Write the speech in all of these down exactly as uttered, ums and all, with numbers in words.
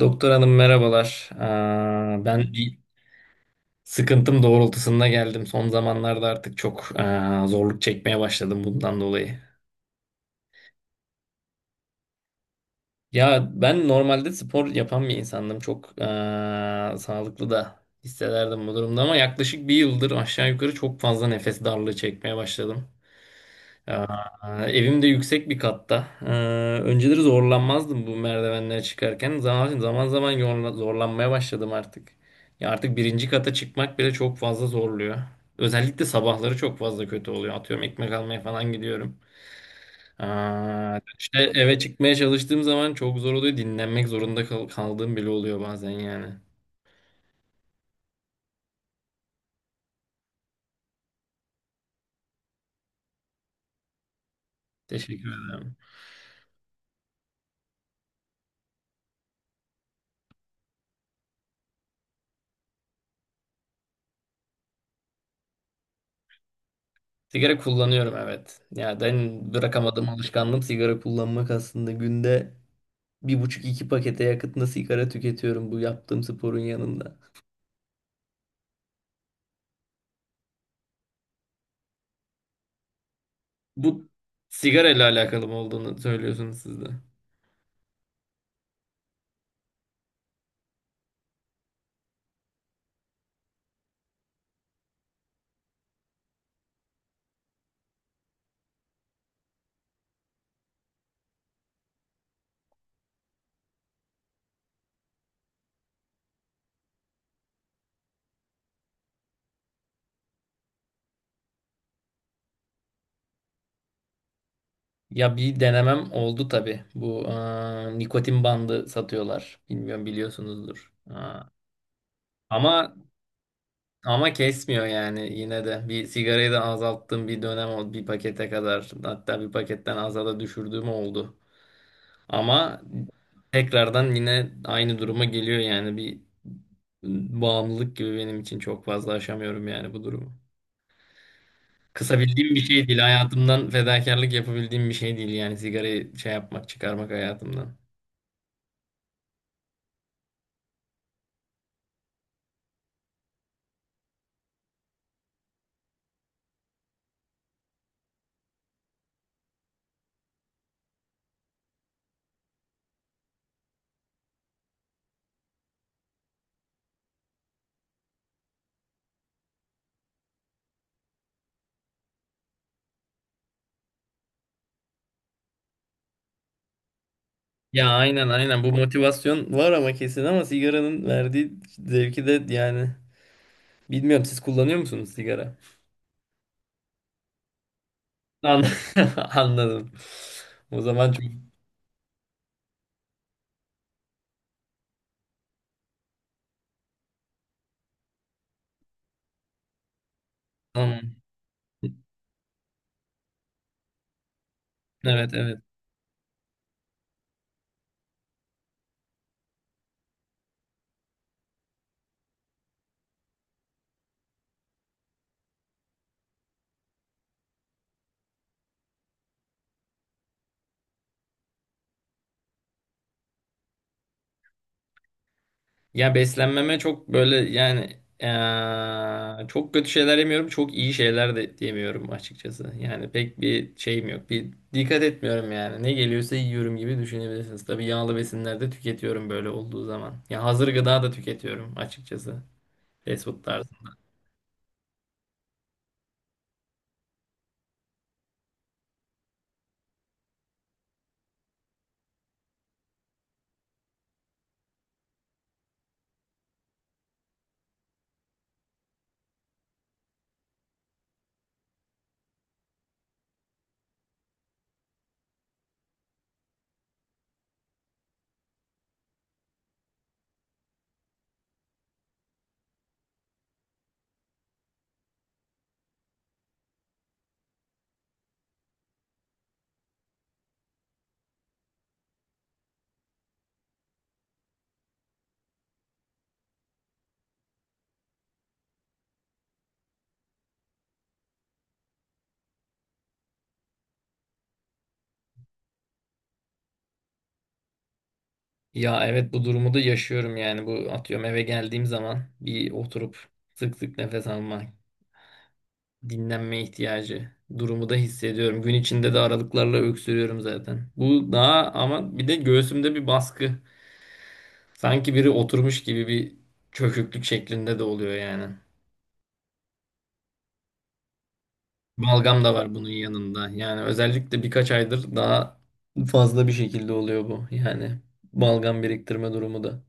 Doktor hanım merhabalar. Aa, ben bir sıkıntım doğrultusunda geldim. Son zamanlarda artık çok aa, zorluk çekmeye başladım bundan dolayı. Ya ben normalde spor yapan bir insandım. Çok aa, sağlıklı da hissederdim bu durumda ama yaklaşık bir yıldır aşağı yukarı çok fazla nefes darlığı çekmeye başladım. Aa, evim de yüksek bir katta. Ee, önceleri zorlanmazdım bu merdivenlere çıkarken. Zaman zaman zaman yorla- zorlanmaya başladım artık. Ya artık birinci kata çıkmak bile çok fazla zorluyor. Özellikle sabahları çok fazla kötü oluyor. Atıyorum ekmek almaya falan gidiyorum. Aa, işte eve çıkmaya çalıştığım zaman çok zor oluyor. Dinlenmek zorunda kal- kaldığım bile oluyor bazen yani. Teşekkür ederim. Sigara kullanıyorum, evet. Ya ben bırakamadığım alışkanlığım sigara kullanmak, aslında günde bir buçuk iki pakete yakıtında sigara tüketiyorum bu yaptığım sporun yanında. Bu sigara ile alakalı mı olduğunu söylüyorsunuz siz de. Ya bir denemem oldu tabii. Bu aa, nikotin bandı satıyorlar. Bilmiyorum, biliyorsunuzdur. Aa, ama ama kesmiyor yani yine de. Bir sigarayı da azalttığım bir dönem oldu. Bir pakete kadar, hatta bir paketten aza da düşürdüğüm oldu. Ama tekrardan yine aynı duruma geliyor yani, bir bağımlılık gibi benim için, çok fazla aşamıyorum yani bu durumu. Kısabildiğim bir şey değil. Hayatımdan fedakarlık yapabildiğim bir şey değil, yani sigarayı şey yapmak, çıkarmak hayatımdan. Ya aynen aynen, bu motivasyon var ama kesin, ama sigaranın verdiği zevki de, yani bilmiyorum, siz kullanıyor musunuz sigara? An- Anladım. O zaman çok tamam. Evet, evet. Ya beslenmeme çok böyle yani, eee, çok kötü şeyler yemiyorum, çok iyi şeyler de yemiyorum açıkçası. Yani pek bir şeyim yok. Bir dikkat etmiyorum yani. Ne geliyorsa yiyorum gibi düşünebilirsiniz. Tabii yağlı besinler de tüketiyorum böyle olduğu zaman. Ya hazır gıda da tüketiyorum açıkçası. Fast food tarzı. Ya evet, bu durumu da yaşıyorum yani. Bu, atıyorum eve geldiğim zaman bir oturup sık sık nefes alma, dinlenme ihtiyacı durumu da hissediyorum. Gün içinde de aralıklarla öksürüyorum zaten. Bu daha, ama bir de göğsümde bir baskı. Sanki biri oturmuş gibi bir çöküklük şeklinde de oluyor yani. Balgam da var bunun yanında. Yani özellikle birkaç aydır daha fazla bir şekilde oluyor bu. Yani balgam biriktirme durumu da.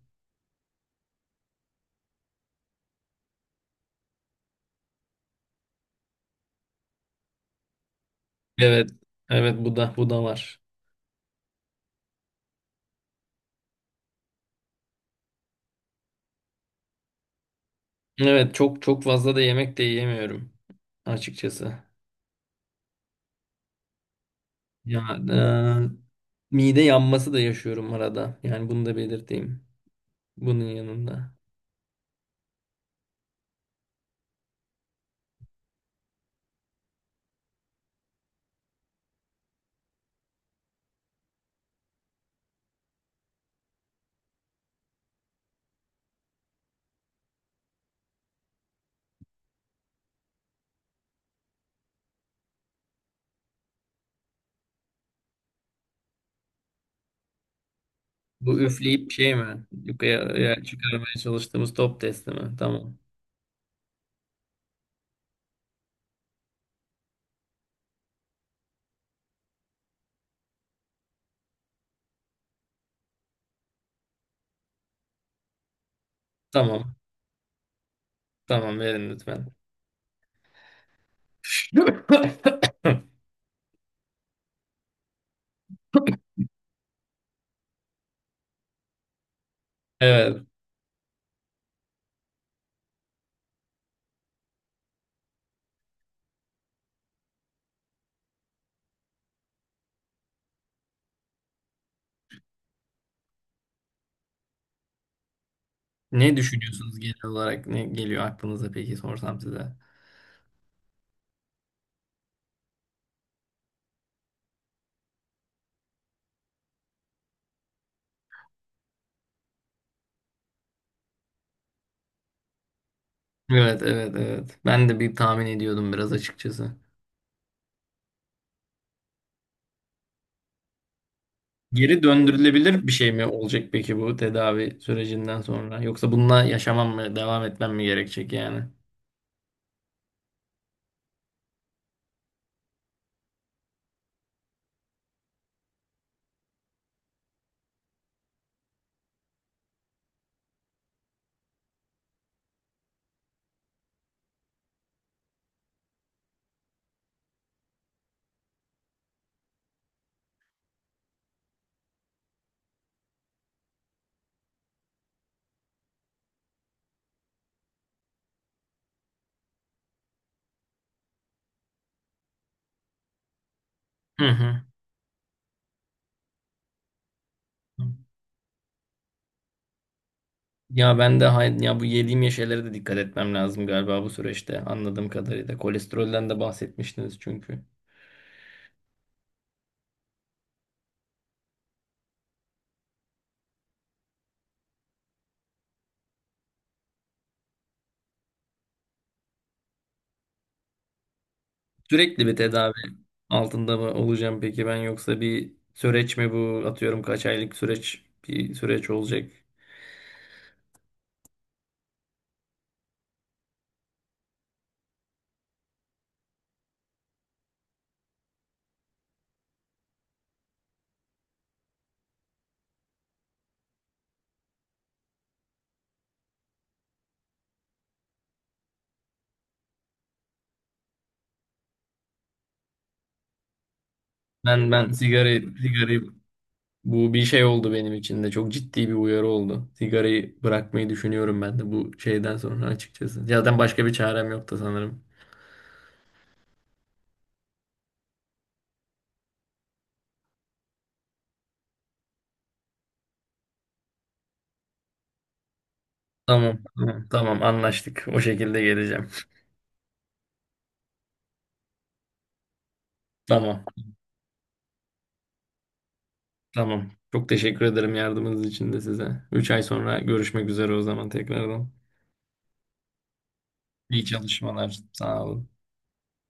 Evet. Evet, bu da bu da var. Evet, çok çok fazla da yemek de yiyemiyorum açıkçası. Ya e, mide yanması da yaşıyorum arada. Yani bunu da belirteyim. Bunun yanında. Bu üfleyip şey mi? Yukarıya e, çıkarmaya çalıştığımız top testi mi? Tamam. Tamam. Tamam, verin lütfen. Evet. Ne düşünüyorsunuz genel olarak? Ne geliyor aklınıza peki, sorsam size? Evet, evet, evet. Ben de bir tahmin ediyordum biraz açıkçası. Geri döndürülebilir bir şey mi olacak peki bu tedavi sürecinden sonra? Yoksa bununla yaşamam mı, devam etmem mi gerekecek yani? Hı hı. Ya ben de hay- ya bu yediğim ye şeylere de dikkat etmem lazım galiba bu süreçte, anladığım kadarıyla. Kolesterolden de bahsetmiştiniz çünkü. Sürekli bir tedavi altında mı olacağım peki ben, yoksa bir süreç mi bu, atıyorum kaç aylık süreç, bir süreç olacak. Ben ben sigara sigarayı Bu bir şey oldu benim için de. Çok ciddi bir uyarı oldu. Sigarayı bırakmayı düşünüyorum ben de bu şeyden sonra açıkçası. Zaten başka bir çarem yoktu sanırım. Tamam, tamam, tamam, anlaştık. O şekilde geleceğim. Tamam, tamam. Çok teşekkür ederim yardımınız için de size. Üç ay sonra görüşmek üzere o zaman tekrardan. İyi çalışmalar. Sağ olun.